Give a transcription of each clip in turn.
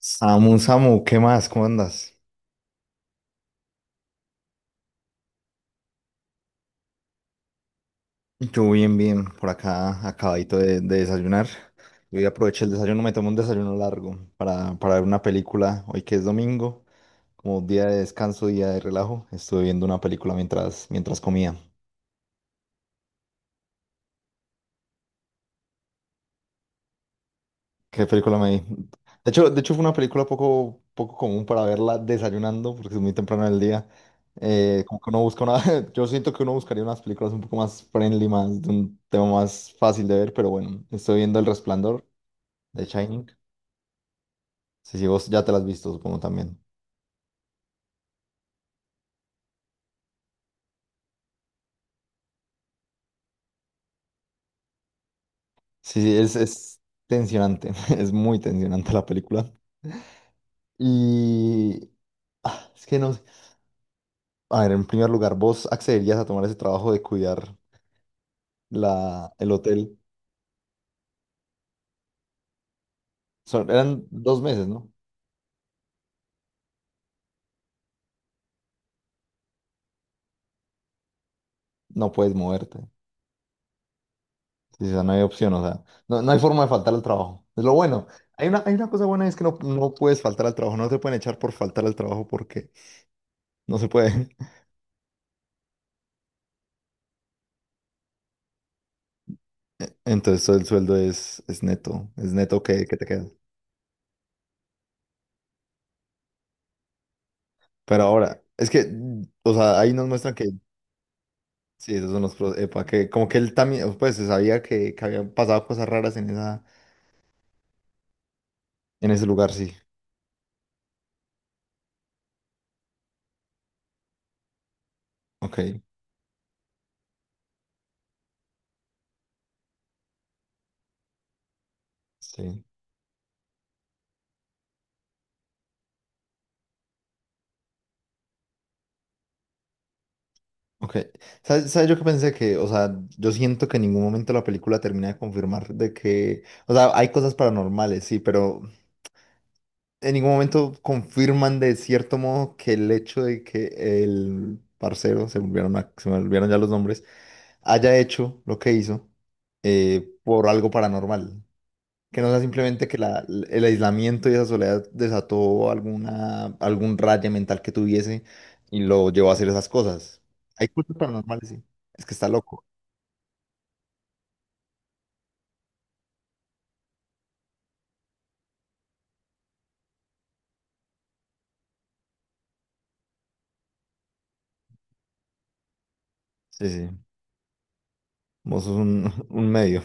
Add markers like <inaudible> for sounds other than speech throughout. Samu, Samu, ¿qué más? ¿Cómo andas? Yo bien, bien, por acá, acabadito de desayunar. Yo ya aproveché el desayuno, me tomé un desayuno largo para ver una película. Hoy que es domingo, como día de descanso, día de relajo, estuve viendo una película mientras comía. ¿Qué película me vi? De hecho fue una película poco común para verla desayunando, porque es muy temprano del día. Como que uno busca una, <laughs> yo siento que uno buscaría unas películas un poco más friendly, más de un tema más fácil de ver, pero bueno, estoy viendo El Resplandor, de Shining. Sí, sí, vos ya te la has visto, supongo también. Sí, sí, es tensionante, <laughs> es muy tensionante la película. Y ah, es que no sé. A ver, en primer lugar, ¿vos accederías a tomar ese trabajo de cuidar el hotel? Son- eran dos meses, ¿no? No puedes moverte. Sí, o sea, no hay opción, o sea, no, no hay forma de faltar al trabajo. Es lo bueno. Hay una cosa buena, es que no, no puedes faltar al trabajo, no te pueden echar por faltar al trabajo porque no se puede. <laughs> Entonces todo el sueldo es neto, es neto que te queda. Pero ahora, es que, o sea, ahí nos muestran que sí, esos son los pro- epa, que como que él también, oh, pues se sabía que habían pasado cosas raras en esa, en ese lugar, sí. Ok, sí. Ok. ¿Sabes, sabes yo que pensé que, o sea, yo siento que en ningún momento la película termina de confirmar de que, o sea, hay cosas paranormales, sí, pero en ningún momento confirman de cierto modo que el hecho de que el parcero, se volvieron, a- se me olvidaron ya los nombres, haya hecho lo que hizo por algo paranormal. Que no sea simplemente que la- el aislamiento y esa soledad desató alguna, algún raye mental que tuviese y lo llevó a hacer esas cosas. Hay cultos paranormales, sí. Es que está loco. Sí, sí. Vos sos un, <laughs> un medio.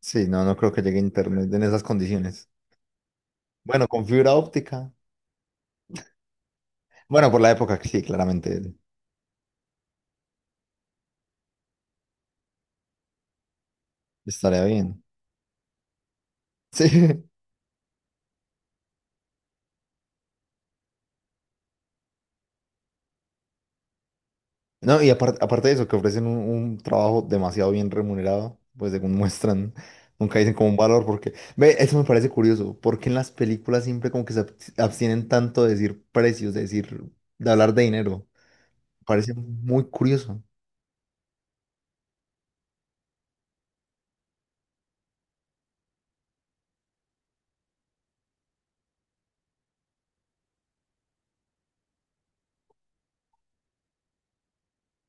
Sí, no, no creo que llegue internet en esas condiciones. Bueno, con fibra óptica. Bueno, por la época, sí, claramente estaría bien. <laughs> Sí. No, y apar- aparte de eso, que ofrecen un trabajo demasiado bien remunerado, pues según <laughs> muestran, nunca dicen como un valor, porque, ve, eso me parece curioso, porque en las películas siempre como que se ab- abstienen tanto de decir precios, de decir, de hablar de dinero. Parece muy curioso,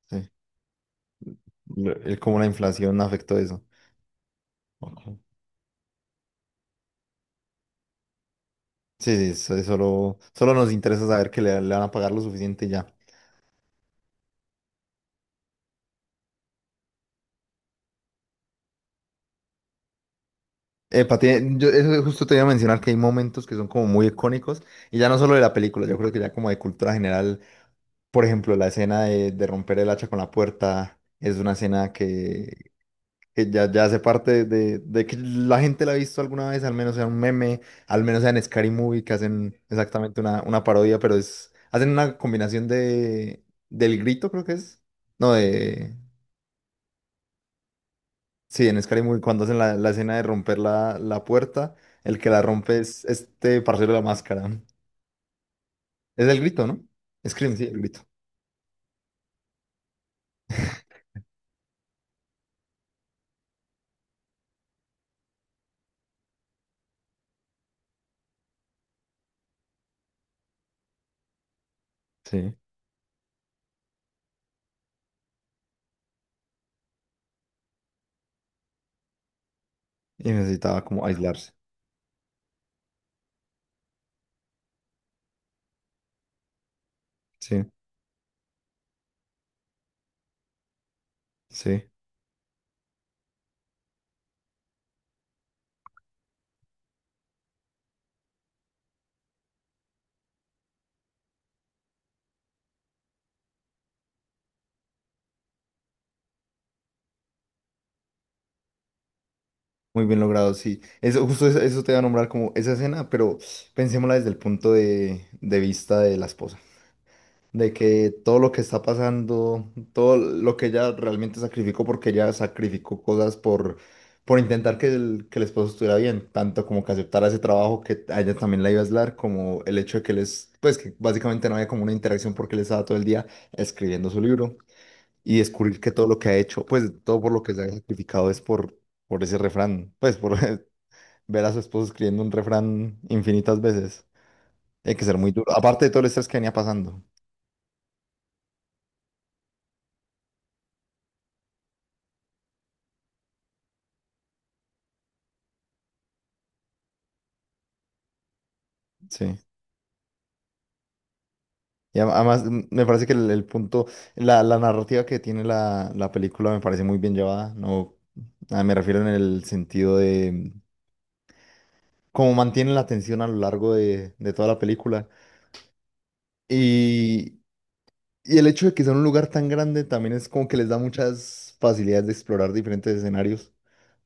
sí, lo- el cómo la inflación afectó eso. Ok. Sí, sí, eso- eso solo, solo nos interesa saber que le van a pagar lo suficiente y ya. Epa, tiene- yo eso justo te iba a mencionar que hay momentos que son como muy icónicos, y ya no solo de la película, yo creo que ya como de cultura general. Por ejemplo, la escena de romper el hacha con la puerta es una escena que, que ya hace parte de que la gente la ha visto alguna vez, al menos sea un meme, al menos sea en Scary Movie, que hacen exactamente una parodia, pero es, hacen una combinación de, del grito, creo que es. No, de... Sí, en Scary Movie, cuando hacen la, la escena de romper la puerta, el que la rompe es este parcero de la máscara. Es el grito, ¿no? Scream, sí, el grito. Sí. Y necesitaba como aislarse. Sí, sí. Muy bien logrado, sí. Eso, justo eso, eso te iba a nombrar como esa escena, pero pensémosla desde el punto de vista de la esposa. De que todo lo que está pasando, todo lo que ella realmente sacrificó, porque ella sacrificó cosas por intentar que el esposo estuviera bien, tanto como que aceptara ese trabajo que a ella también la iba a aislar, como el hecho de que les, pues que básicamente no había como una interacción porque él estaba todo el día escribiendo su libro y descubrir que todo lo que ha hecho, pues todo por lo que se ha sacrificado es por ese refrán, pues por <laughs> ver a su esposo escribiendo un refrán infinitas veces. Hay que ser muy duro. Aparte de todo el estrés que venía pasando. Sí. Y a- además me parece que el punto, la narrativa que tiene la, la película me parece muy bien llevada. No, ah, me refiero en el sentido de cómo mantiene la atención a lo largo de toda la película. Y, y el hecho de que sea un lugar tan grande también es como que les da muchas facilidades de explorar diferentes escenarios,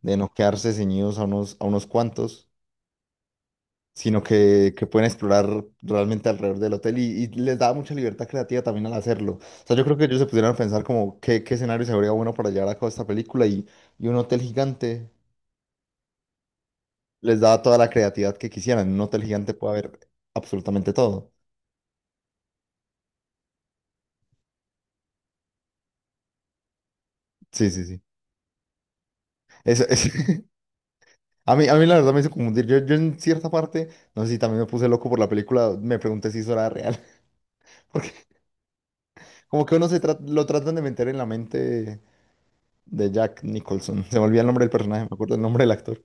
de no quedarse ceñidos a unos cuantos. Sino que pueden explorar realmente alrededor del hotel y les da mucha libertad creativa también al hacerlo. O sea, yo creo que ellos se pudieran pensar como qué, qué escenario se vería bueno para llevar a cabo esta película y un hotel gigante les da toda la creatividad que quisieran. En un hotel gigante puede haber absolutamente todo. Sí, sí, sí. Eso, es- <laughs> a mí la verdad me hizo confundir. Yo en cierta parte, no sé si también me puse loco por la película, me pregunté si eso era real. <laughs> Porque como que uno se tra- lo tratan de meter en la mente de Jack Nicholson. Se me olvida el nombre del personaje, me acuerdo el nombre del actor.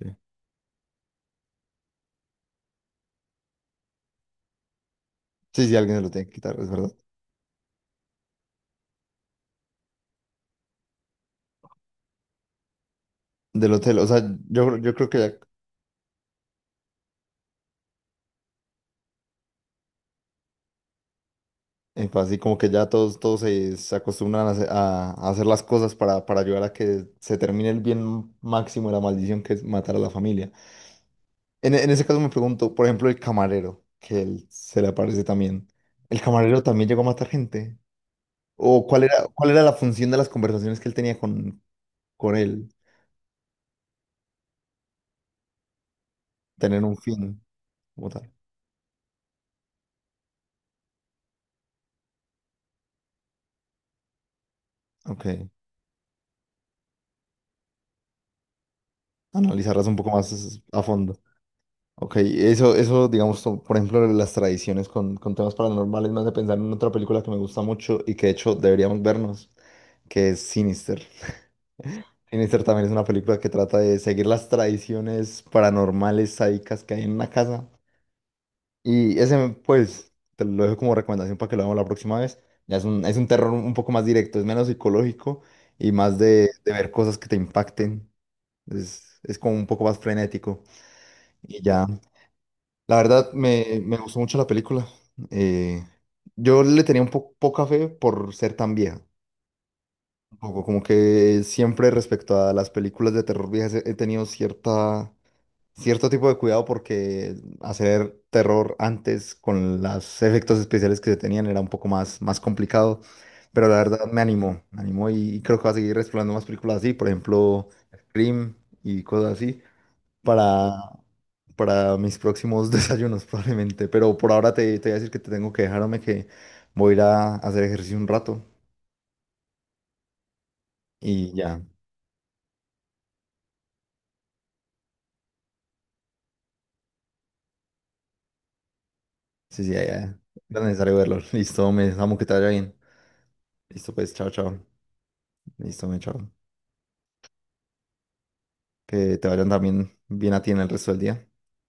Sí, sí, sí, alguien se lo tiene que quitar, es verdad. Del hotel, o sea, yo creo que ya, pues, así como que ya todos, todos se, se acostumbran a hacer las cosas para ayudar a que se termine el bien máximo de la maldición que es matar a la familia. En ese caso me pregunto, por ejemplo, el camarero, que él se le aparece también. ¿El camarero también llegó a matar gente? ¿O cuál era la función de las conversaciones que él tenía con él? Tener un fin como tal. Ok, analizarlas un poco más a fondo. Ok, eso, digamos, to- por ejemplo, las tradiciones con temas paranormales me hace pensar en otra película que me gusta mucho y que de hecho deberíamos vernos, que es Sinister. <laughs> Sinister también es una película que trata de seguir las tradiciones paranormales sádicas que hay en una casa. Y ese, pues, te lo dejo como recomendación para que lo veamos la próxima vez. Ya es un terror un poco más directo, es menos psicológico y más de ver cosas que te impacten. Es como un poco más frenético. Y ya. La verdad, me gustó mucho la película. Eh, yo le tenía un po- poca fe por ser tan vieja. Un poco como que siempre respecto a las películas de terror viejas he tenido cierta, cierto tipo de cuidado porque hacer terror antes con los efectos especiales que se tenían era un poco más, más complicado. Pero la verdad me animó y creo que va a seguir explorando más películas así, por ejemplo, Scream y cosas así para, para mis próximos <laughs> desayunos probablemente. Pero por ahora te, te voy a decir que te tengo que dejarme que voy a ir a hacer ejercicio un rato y ya. Sí, sí, ya, ya. Era necesario verlo. <laughs> Listo, me amo que te vaya bien. Listo, pues, chao, chao. Listo, me chao. Que te vayan también bien a ti en el resto del día.